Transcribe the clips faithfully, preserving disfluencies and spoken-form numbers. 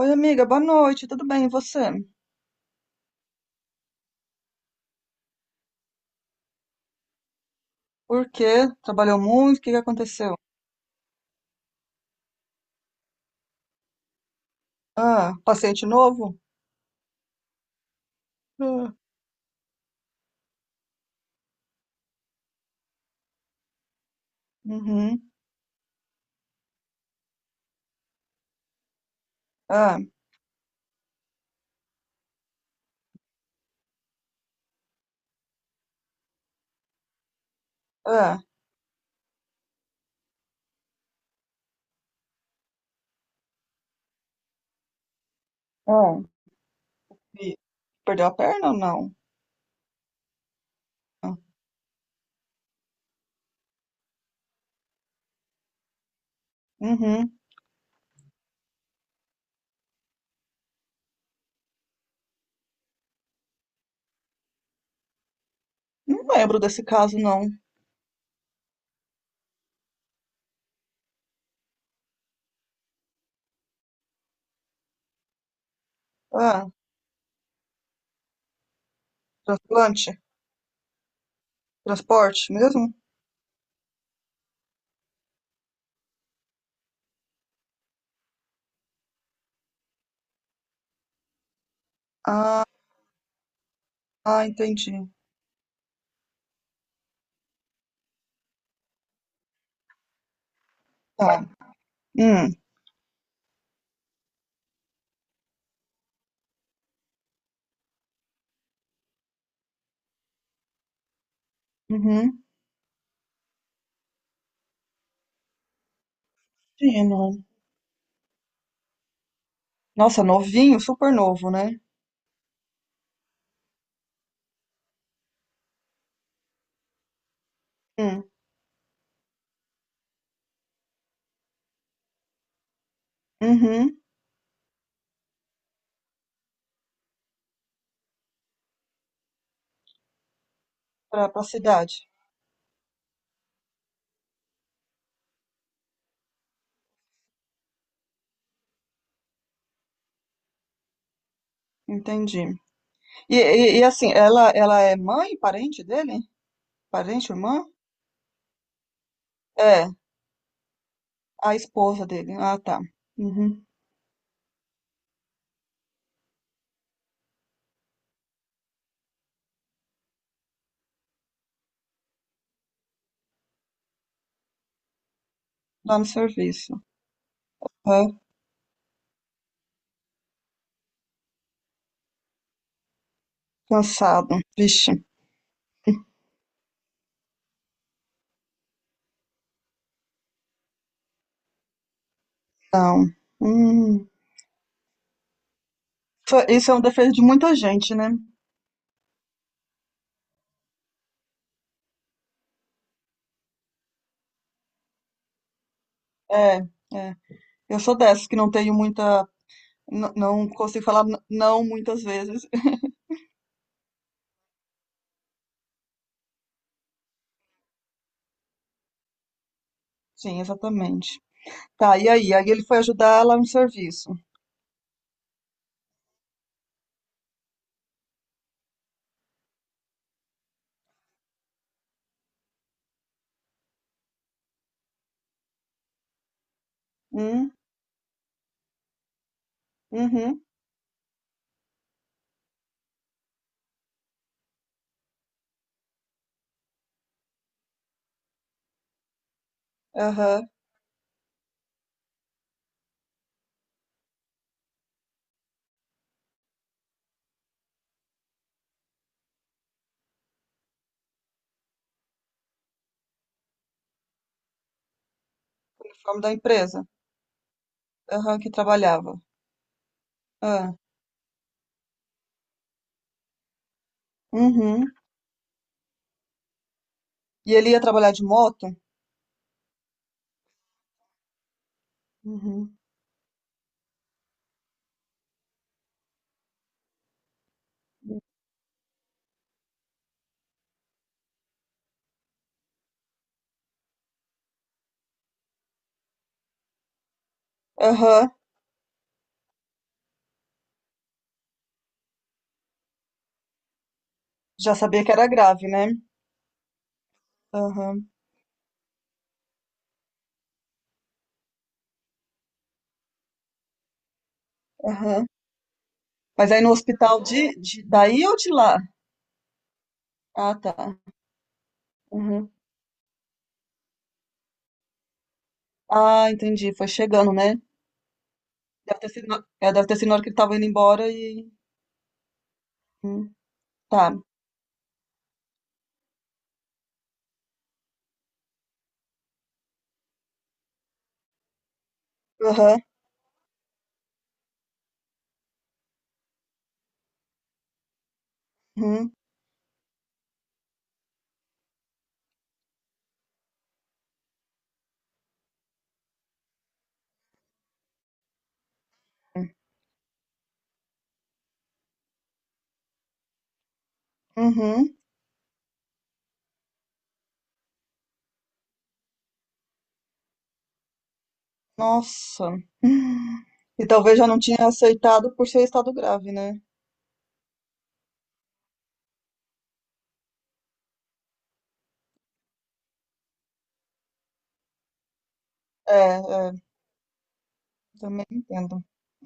Oi, amiga, boa noite, tudo bem? E você? Por quê? Trabalhou muito? O que que aconteceu? Ah, paciente novo? Ah, uhum. Ah, ah, ah. E perdeu a perna ou não? Ah, uhum. Não lembro desse caso, não. Ah, transplante? Transporte mesmo? Ah, ah, entendi. Tá. Hum, uhum. Sim, não. Nossa, novinho, super novo, né? Hum, uhum. Pra, pra cidade. Entendi. E, e- e, assim, ela, ela é mãe, parente dele? Parente, irmã? É, a esposa dele. Ah, tá. Uhum. Lá no serviço. É, cansado. Vixe, não. Hum. Isso isso é um defeito de muita gente, né? É, é. Eu sou dessas que não tenho muita. n- Não consigo falar n- não muitas vezes. Sim, exatamente. Tá, e aí? Aí ele foi ajudar lá no serviço. Hum, uhum, aham. Uniforme da empresa. Aham, que trabalhava. Ah, uhum. E ele ia trabalhar de moto? Uhum. Aham. Já sabia que era grave, né? Aham, aham. Mas aí no hospital de, de- daí ou de lá? Ah, tá. Aham. Ah, entendi. Foi chegando, né? Deve ter sido, na- é, deve ter sido na hora que ele tava indo embora e. Hum. Tá. Aham. Uhum. Uhum. Nossa. Hum. E talvez já não tinha aceitado por ser estado grave, né? É, é. Também entendo.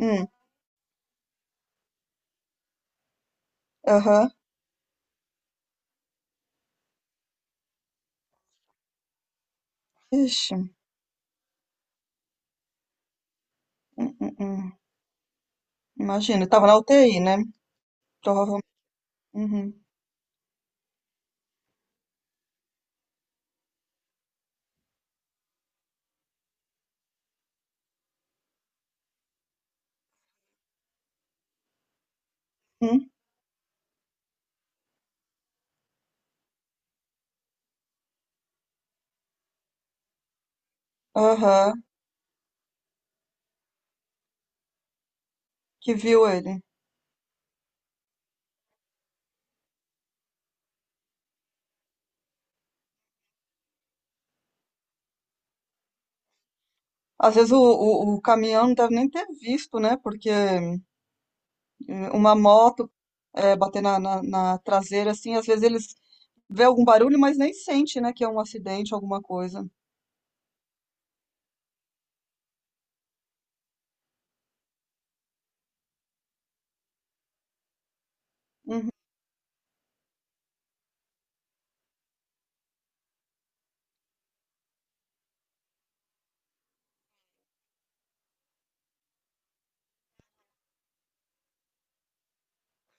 Hum. Aham. Ixi. Hum, hum, hum. Imagina, tava na U T I, né? Provavelmente. Uhum. Uhum. Aham. Que viu ele. Às vezes o, o, o caminhão não deve nem ter visto, né? Porque eh, uma moto eh, bater na, na, na traseira, assim, às vezes eles vê algum barulho, mas nem sente, né? Que é um acidente, alguma coisa. Uhum.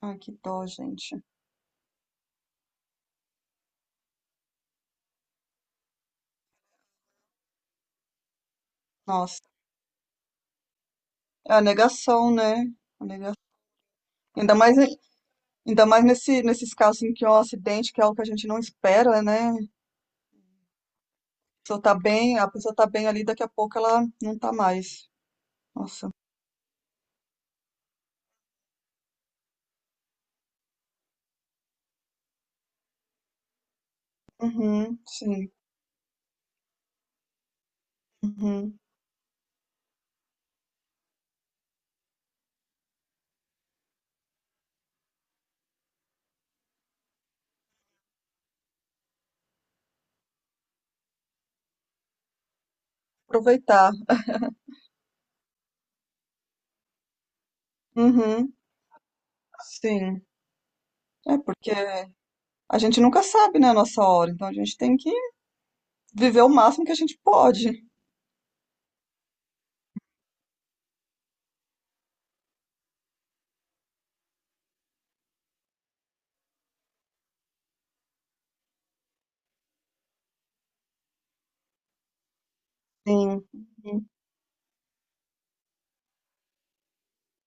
Ai, que dó, gente. Nossa. É a negação, né? A negação. Ainda mais, em- Ainda mais nesse, nesses casos em que é um acidente, que é algo que a gente não espera, né? A pessoa tá bem, a pessoa tá bem ali, daqui a pouco ela não tá mais. Nossa. Uhum, sim. Uhum. Aproveitar. Uhum, sim. É porque a gente nunca sabe, né, a nossa hora, então a gente tem que viver o máximo que a gente pode. Sim. Uhum.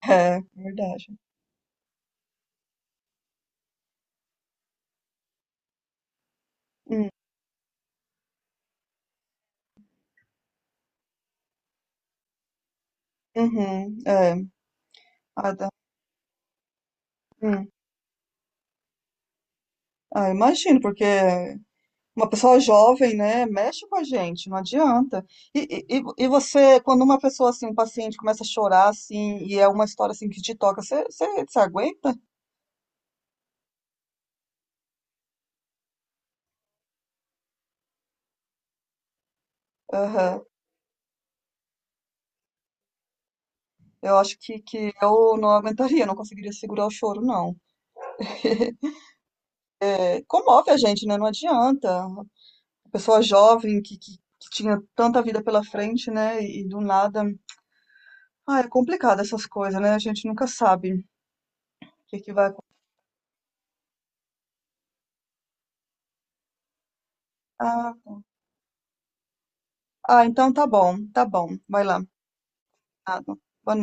É, verdade. Hum. Uhum, é. Ah, dá- hum. Ah, imagino, porque uma pessoa jovem, né, mexe com a gente, não adianta. E, e, e e você, quando uma pessoa, assim, um paciente começa a chorar, assim, e é uma história, assim, que te toca, você, você, você aguenta? Eu acho que, que eu não aguentaria, não conseguiria segurar o choro, não. É, comove a gente, né? Não adianta. A pessoa jovem que, que, que tinha tanta vida pela frente, né? E, do nada. Ah, é complicado essas coisas, né? A gente nunca sabe o que, que vai. Ah, ah, então tá bom, tá bom. Vai lá. Ah, boa